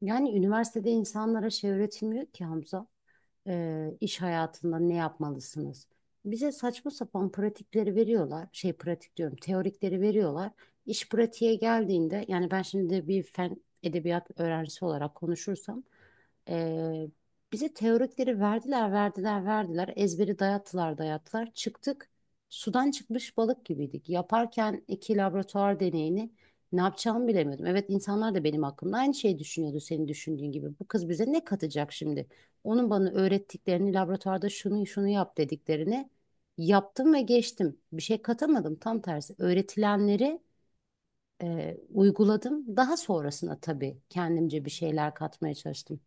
Yani üniversitede insanlara şey öğretilmiyor ki Hamza, iş hayatında ne yapmalısınız? Bize saçma sapan pratikleri veriyorlar. Şey pratik diyorum, teorikleri veriyorlar. İş pratiğe geldiğinde yani ben şimdi bir fen edebiyat öğrencisi olarak konuşursam, e, bize teorikleri verdiler, verdiler, verdiler. Ezberi dayattılar, dayattılar. Çıktık. Sudan çıkmış balık gibiydik. Yaparken iki laboratuvar deneyini ne yapacağımı bilemiyordum. Evet, insanlar da benim hakkımda aynı şeyi düşünüyordu senin düşündüğün gibi. Bu kız bize ne katacak şimdi? Onun bana öğrettiklerini, laboratuvarda şunu şunu yap dediklerini yaptım ve geçtim. Bir şey katamadım. Tam tersi öğretilenleri uyguladım. Daha sonrasına tabii kendimce bir şeyler katmaya çalıştım.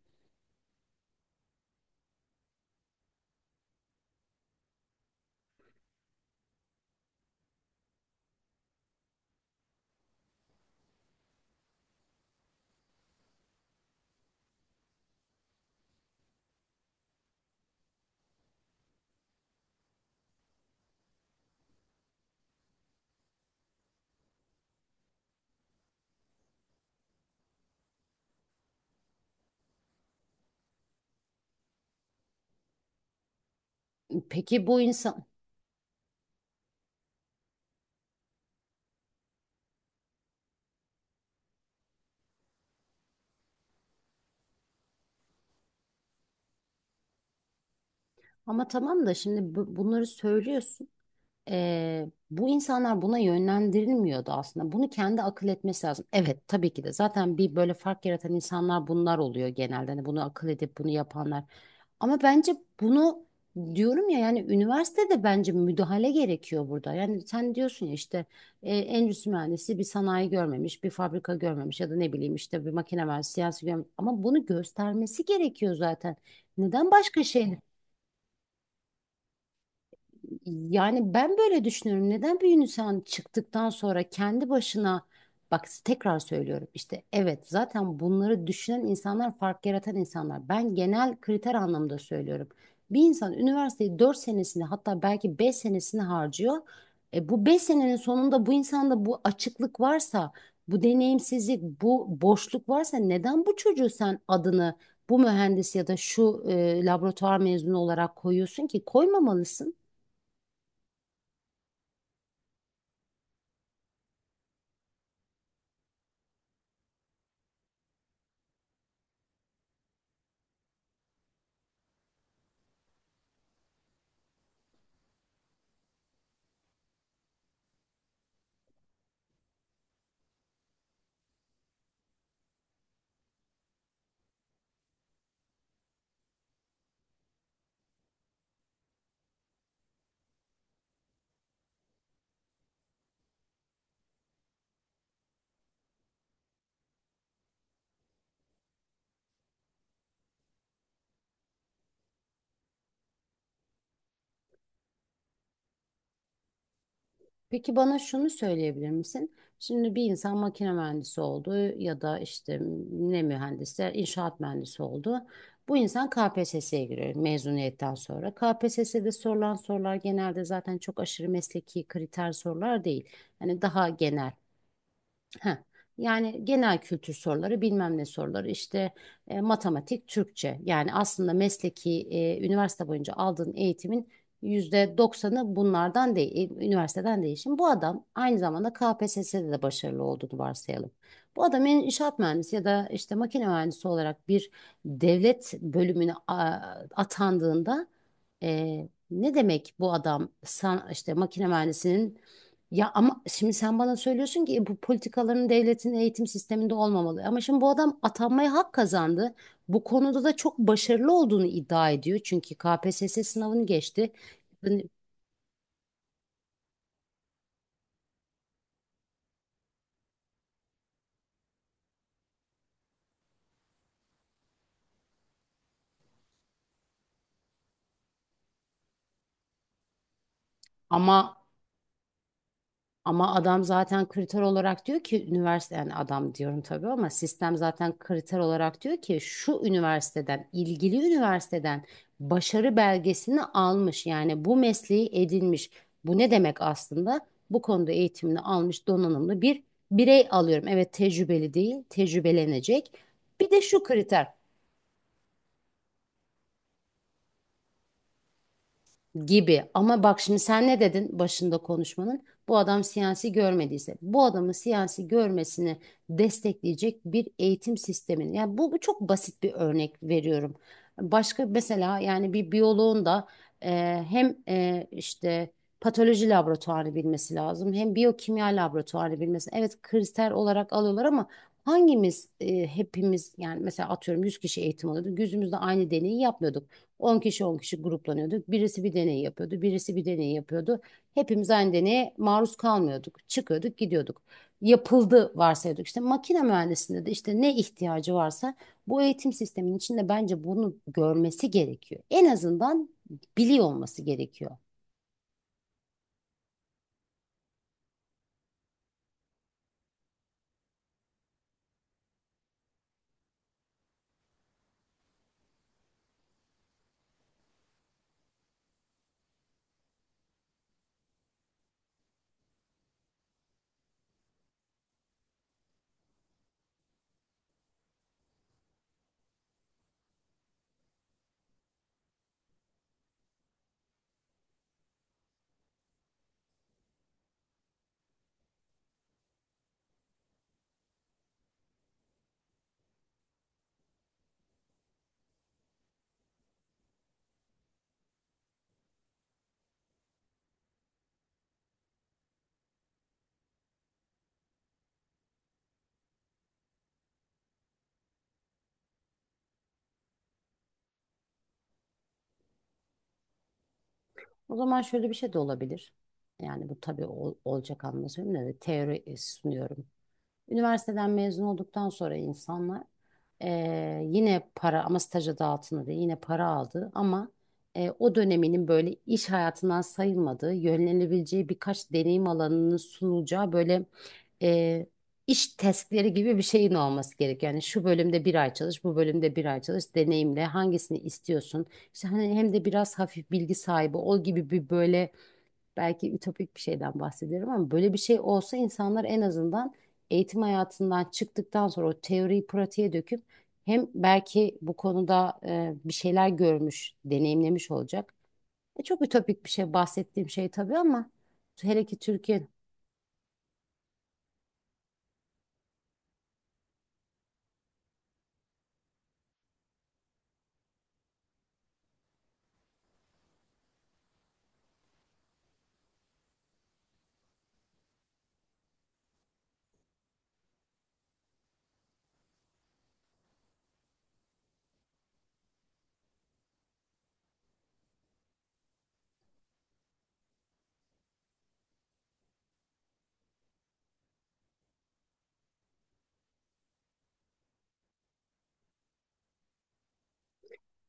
Peki bu insan. Ama tamam da şimdi bunları söylüyorsun. Bu insanlar buna yönlendirilmiyordu aslında. Bunu kendi akıl etmesi lazım. Evet tabii ki de zaten bir böyle fark yaratan insanlar bunlar oluyor genelde. Hani bunu akıl edip bunu yapanlar. Ama bence bunu, diyorum ya, yani üniversitede bence müdahale gerekiyor burada. Yani sen diyorsun ya, işte endüstri mühendisi bir sanayi görmemiş, bir fabrika görmemiş ya da ne bileyim işte bir makine mühendisi siyasi görmemiş. Ama bunu göstermesi gerekiyor zaten. Neden başka şey? Yani ben böyle düşünüyorum. Neden bir insan çıktıktan sonra kendi başına, bak tekrar söylüyorum, işte evet zaten bunları düşünen insanlar fark yaratan insanlar. Ben genel kriter anlamda söylüyorum. Bir insan üniversiteyi 4 senesini, hatta belki 5 senesini harcıyor. Bu 5 senenin sonunda bu insanda bu açıklık varsa, bu deneyimsizlik, bu boşluk varsa, neden bu çocuğu sen adını bu mühendis ya da şu laboratuvar mezunu olarak koyuyorsun ki? Koymamalısın. Peki bana şunu söyleyebilir misin? Şimdi bir insan makine mühendisi oldu ya da işte ne mühendisler, inşaat mühendisi oldu. Bu insan KPSS'ye giriyor mezuniyetten sonra. KPSS'de sorulan sorular genelde zaten çok aşırı mesleki kriter sorular değil. Hani daha genel. Heh. Yani genel kültür soruları, bilmem ne soruları, işte matematik, Türkçe. Yani aslında mesleki üniversite boyunca aldığın eğitimin %90'ı bunlardan değil, üniversiteden değil. Şimdi bu adam aynı zamanda KPSS'de de başarılı olduğunu varsayalım. Bu adam inşaat mühendisi ya da işte makine mühendisi olarak bir devlet bölümüne atandığında, ne demek bu adam işte makine mühendisinin. Ya ama şimdi sen bana söylüyorsun ki, "Bu politikaların devletin eğitim sisteminde olmamalı. Ama şimdi bu adam atanmaya hak kazandı. Bu konuda da çok başarılı olduğunu iddia ediyor. Çünkü KPSS sınavını geçti." Hani. Ama Ama adam zaten kriter olarak diyor ki üniversite, yani adam diyorum tabii ama sistem zaten kriter olarak diyor ki şu üniversiteden, ilgili üniversiteden başarı belgesini almış, yani bu mesleği edinmiş. Bu ne demek aslında? Bu konuda eğitimini almış donanımlı bir birey alıyorum. Evet, tecrübeli değil, tecrübelenecek. Bir de şu kriter gibi. Ama bak şimdi sen ne dedin başında konuşmanın? Bu adam siyasi görmediyse, bu adamın siyasi görmesini destekleyecek bir eğitim sistemini. Yani bu çok basit bir örnek veriyorum. Başka mesela, yani bir biyoloğun da e, hem işte patoloji laboratuvarı bilmesi lazım, hem biyokimya laboratuvarı bilmesi. Evet kriter olarak alıyorlar ama hangimiz hepimiz, yani mesela atıyorum, 100 kişi eğitim alıyordu. Yüzümüzde aynı deneyi yapmıyorduk. 10 kişi 10 kişi gruplanıyorduk. Birisi bir deney yapıyordu, birisi bir deney yapıyordu. Hepimiz aynı deneye maruz kalmıyorduk. Çıkıyorduk, gidiyorduk. Yapıldı varsayıyorduk. İşte makine mühendisliğinde de işte ne ihtiyacı varsa bu eğitim sisteminin içinde bence bunu görmesi gerekiyor. En azından biliyor olması gerekiyor. O zaman şöyle bir şey de olabilir. Yani bu tabii olacak anlamda söylemiyorum da, teori sunuyorum. Üniversiteden mezun olduktan sonra insanlar, yine para ama staja da altında değil, yine para aldı ama o döneminin böyle iş hayatından sayılmadığı, yönlenebileceği birkaç deneyim alanının sunulacağı, böyle eee, iş testleri gibi bir şeyin olması gerek. Yani şu bölümde bir ay çalış, bu bölümde bir ay çalış, deneyimle hangisini istiyorsun? İşte hani hem de biraz hafif bilgi sahibi ol gibi bir, böyle belki ütopik bir şeyden bahsediyorum, ama böyle bir şey olsa insanlar en azından eğitim hayatından çıktıktan sonra o teoriyi pratiğe döküp, hem belki bu konuda bir şeyler görmüş, deneyimlemiş olacak. Çok ütopik bir şey bahsettiğim şey tabii, ama hele ki Türkiye.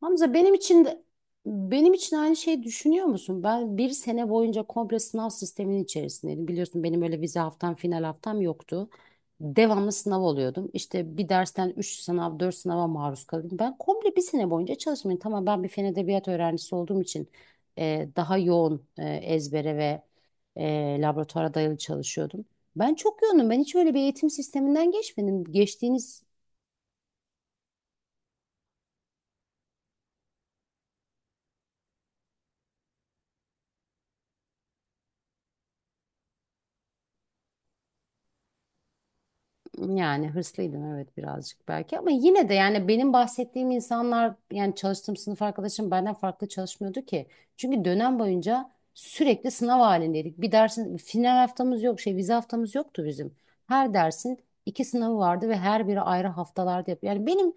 Hamza, benim için de, benim için aynı şeyi düşünüyor musun? Ben bir sene boyunca komple sınav sisteminin içerisindeydim. Biliyorsun benim öyle vize haftam, final haftam yoktu. Devamlı sınav oluyordum. İşte bir dersten 3 sınav, 4 sınava maruz kalıyordum. Ben komple bir sene boyunca çalışmadım. Tamam, ben bir fen edebiyat öğrencisi olduğum için daha yoğun, ezbere ve laboratuvara dayalı çalışıyordum. Ben çok yoğunum. Ben hiç öyle bir eğitim sisteminden geçmedim. Geçtiğiniz. Yani hırslıydım evet, birazcık belki, ama yine de yani benim bahsettiğim insanlar, yani çalıştığım sınıf arkadaşım benden farklı çalışmıyordu ki. Çünkü dönem boyunca sürekli sınav halindeydik. Bir dersin final haftamız yok, şey, vize haftamız yoktu bizim. Her dersin iki sınavı vardı ve her biri ayrı haftalarda yapıyor. Yani benim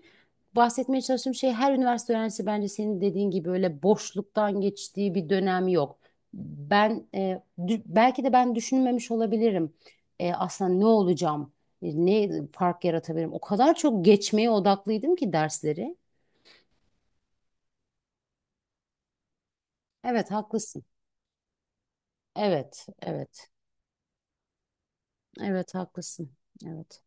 bahsetmeye çalıştığım şey, her üniversite öğrencisi bence senin dediğin gibi öyle boşluktan geçtiği bir dönem yok. Ben belki de ben düşünmemiş olabilirim. Aslında ne olacağım? Ne fark yaratabilirim? O kadar çok geçmeye odaklıydım ki dersleri. Evet haklısın. Evet, evet. Evet haklısın. Evet.